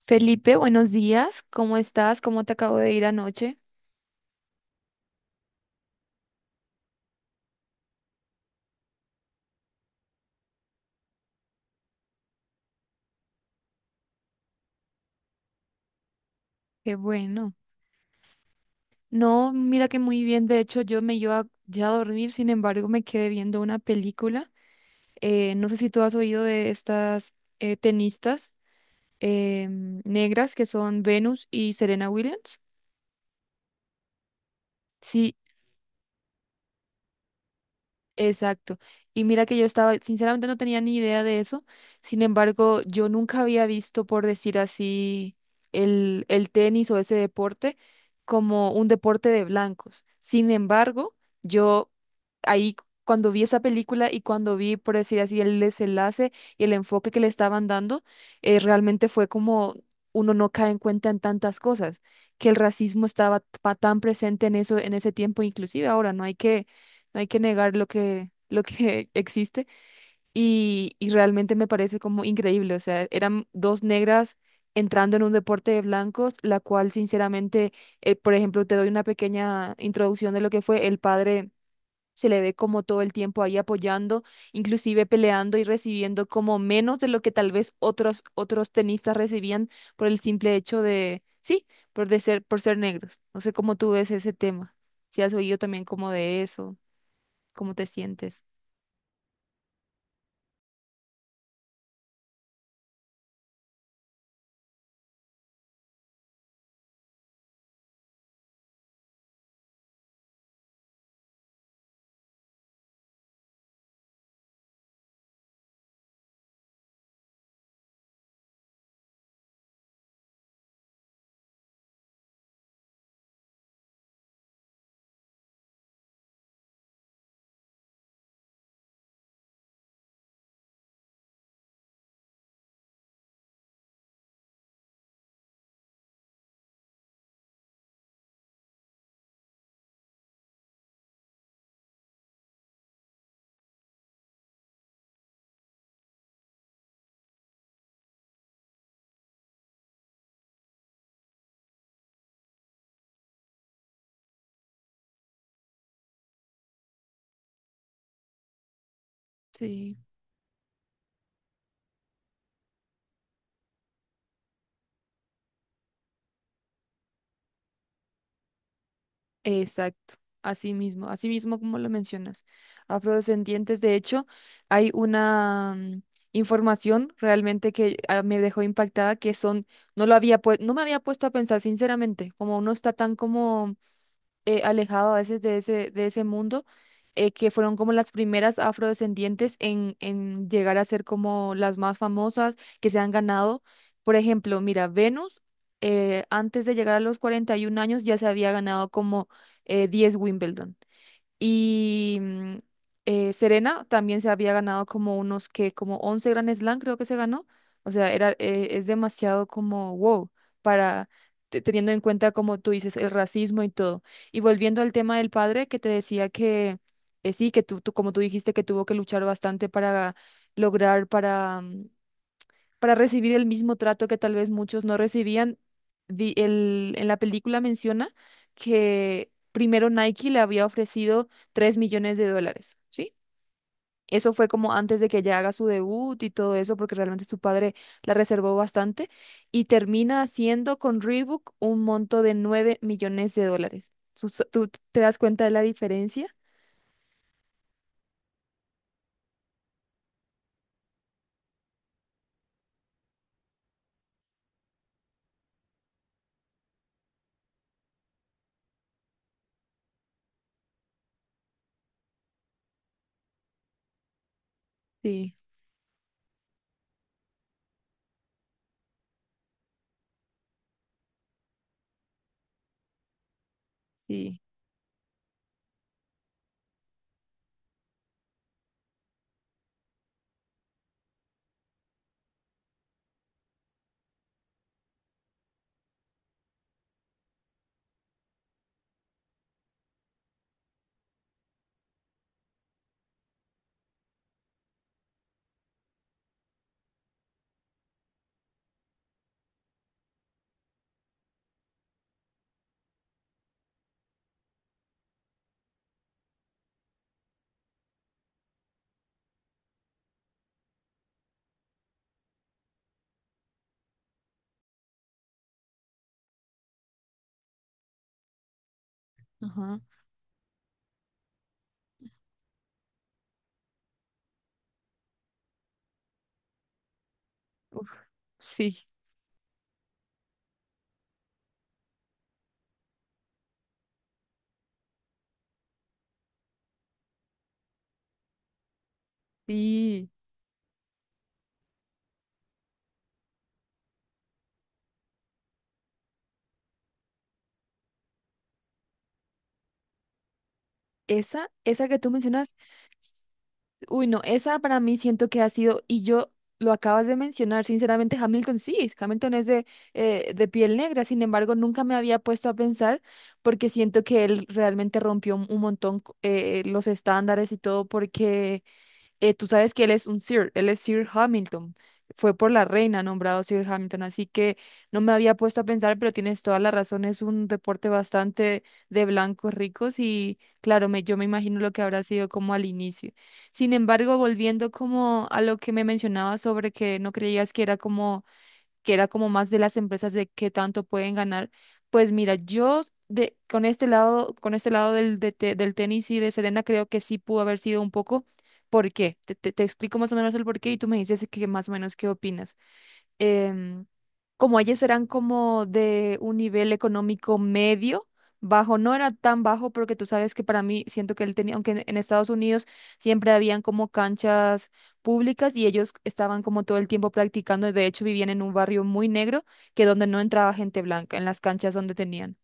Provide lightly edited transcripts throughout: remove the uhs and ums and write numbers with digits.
Felipe, buenos días. ¿Cómo estás? ¿Cómo te acabo de ir anoche? Qué bueno. No, mira que muy bien. De hecho, yo me iba ya a dormir, sin embargo, me quedé viendo una película. No sé si tú has oído de estas tenistas negras que son Venus y Serena Williams. Sí, exacto. Y mira que yo estaba, sinceramente no tenía ni idea de eso. Sin embargo, yo nunca había visto, por decir así, el tenis o ese deporte como un deporte de blancos. Sin embargo, yo ahí cuando vi esa película y cuando vi, por decir así, el desenlace y el enfoque que le estaban dando, realmente fue como uno no cae en cuenta en tantas cosas, que el racismo estaba tan presente en eso, en ese tiempo, inclusive ahora no hay que negar lo que existe. Y realmente me parece como increíble. O sea, eran dos negras entrando en un deporte de blancos, la cual sinceramente, por ejemplo, te doy una pequeña introducción de lo que fue el padre. Se le ve como todo el tiempo ahí apoyando, inclusive peleando y recibiendo como menos de lo que tal vez otros tenistas recibían por el simple hecho de, sí, por ser negros. No sé cómo tú ves ese tema, si has oído también como de eso cómo te sientes. Sí, exacto, así mismo como lo mencionas. Afrodescendientes, de hecho, hay una información realmente que me dejó impactada que son, no lo había no me había puesto a pensar sinceramente, como uno está tan como alejado a veces de de ese mundo, que fueron como las primeras afrodescendientes en llegar a ser como las más famosas que se han ganado. Por ejemplo, mira, Venus, antes de llegar a los 41 años ya se había ganado como 10 Wimbledon. Y Serena también se había ganado como unos que, como 11 Grand Slam creo que se ganó. O sea, es demasiado como wow para teniendo en cuenta, como tú dices, el racismo y todo. Y volviendo al tema del padre que te decía que sí, tú, como tú dijiste, que tuvo que luchar bastante para lograr, para recibir el mismo trato que tal vez muchos no recibían. En la película menciona que primero Nike le había ofrecido $3 millones, ¿sí? Eso fue como antes de que ella haga su debut y todo eso, porque realmente su padre la reservó bastante, y termina haciendo con Reebok un monto de $9 millones. Tú te das cuenta de la diferencia? Sí, sí, ajá. Uf, sí, sí. Esa que tú mencionas. Uy, no, esa para mí siento que ha sido, y yo lo acabas de mencionar, sinceramente, Hamilton sí, Hamilton es de piel negra, sin embargo, nunca me había puesto a pensar porque siento que él realmente rompió un montón los estándares y todo porque tú sabes que él es un Sir, él es Sir Hamilton. Fue por la reina nombrado Sir Hamilton, así que no me había puesto a pensar, pero tienes toda la razón, es un deporte bastante de blancos ricos y claro, me, yo me imagino lo que habrá sido como al inicio. Sin embargo, volviendo como a lo que me mencionabas sobre que no creías que era como más de las empresas de qué tanto pueden ganar. Pues mira, yo de, con este lado del, del tenis y de Serena creo que sí pudo haber sido un poco. ¿Por qué? Te explico más o menos el por qué y tú me dices que más o menos qué opinas. em, Como ellos eran como de un nivel económico medio, bajo, no era tan bajo porque tú sabes que para mí siento que él tenía, aunque en Estados Unidos siempre habían como canchas públicas y ellos estaban como todo el tiempo practicando, de hecho vivían en un barrio muy negro que donde no entraba gente blanca, en las canchas donde tenían.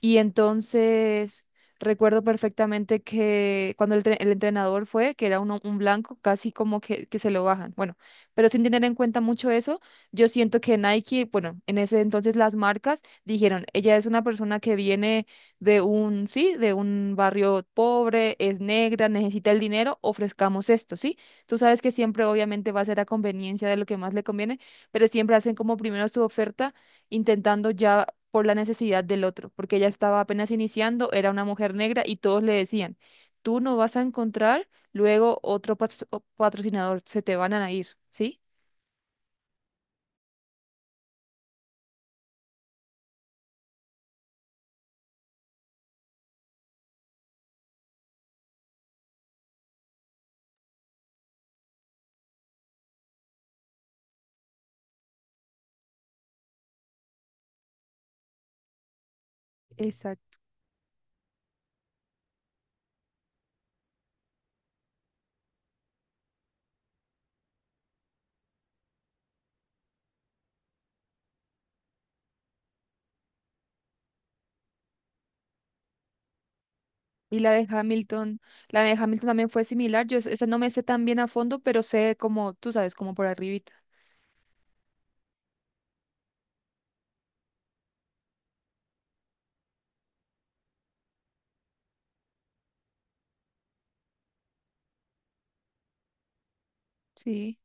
Y entonces recuerdo perfectamente que cuando el entrenador fue, que era un blanco, casi como que se lo bajan. Bueno, pero sin tener en cuenta mucho eso, yo siento que Nike, bueno, en ese entonces las marcas dijeron, ella es una persona que viene de un, sí, de un barrio pobre, es negra, necesita el dinero, ofrezcamos esto, ¿sí? Tú sabes que siempre obviamente va a ser a conveniencia de lo que más le conviene, pero siempre hacen como primero su oferta intentando ya por la necesidad del otro, porque ella estaba apenas iniciando, era una mujer negra y todos le decían, tú no vas a encontrar luego otro patrocinador, se te van a ir, ¿sí? Exacto. Y la de Hamilton también fue similar, yo esa no me sé tan bien a fondo, pero sé como, tú sabes, como por arribita. Sí,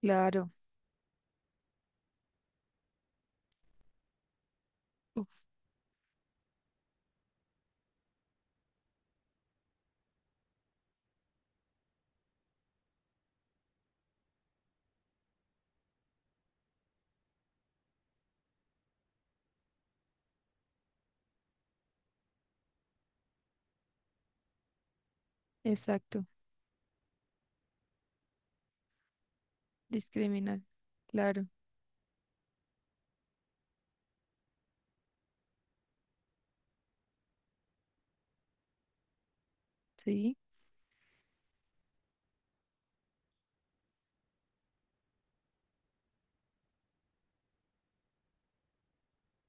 claro. Uf, exacto. Discriminar. Claro, sí,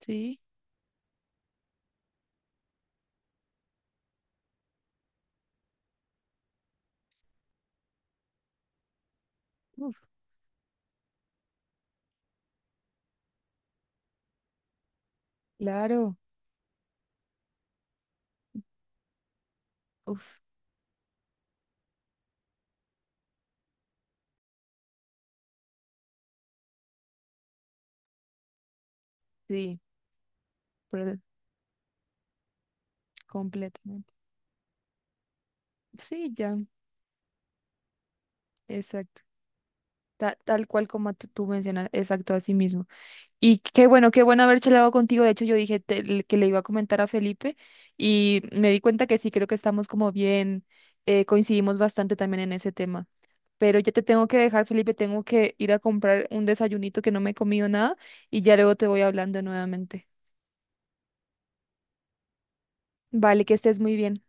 sí, uf, claro, uf, sí, pero completamente. Sí, ya, exacto. Tal cual como tú mencionas, exacto, así mismo. Y qué bueno haber charlado contigo. De hecho, yo dije que le iba a comentar a Felipe y me di cuenta que sí, creo que estamos como bien, coincidimos bastante también en ese tema. Pero ya te tengo que dejar, Felipe, tengo que ir a comprar un desayunito que no me he comido nada y ya luego te voy hablando nuevamente. Vale, que estés muy bien.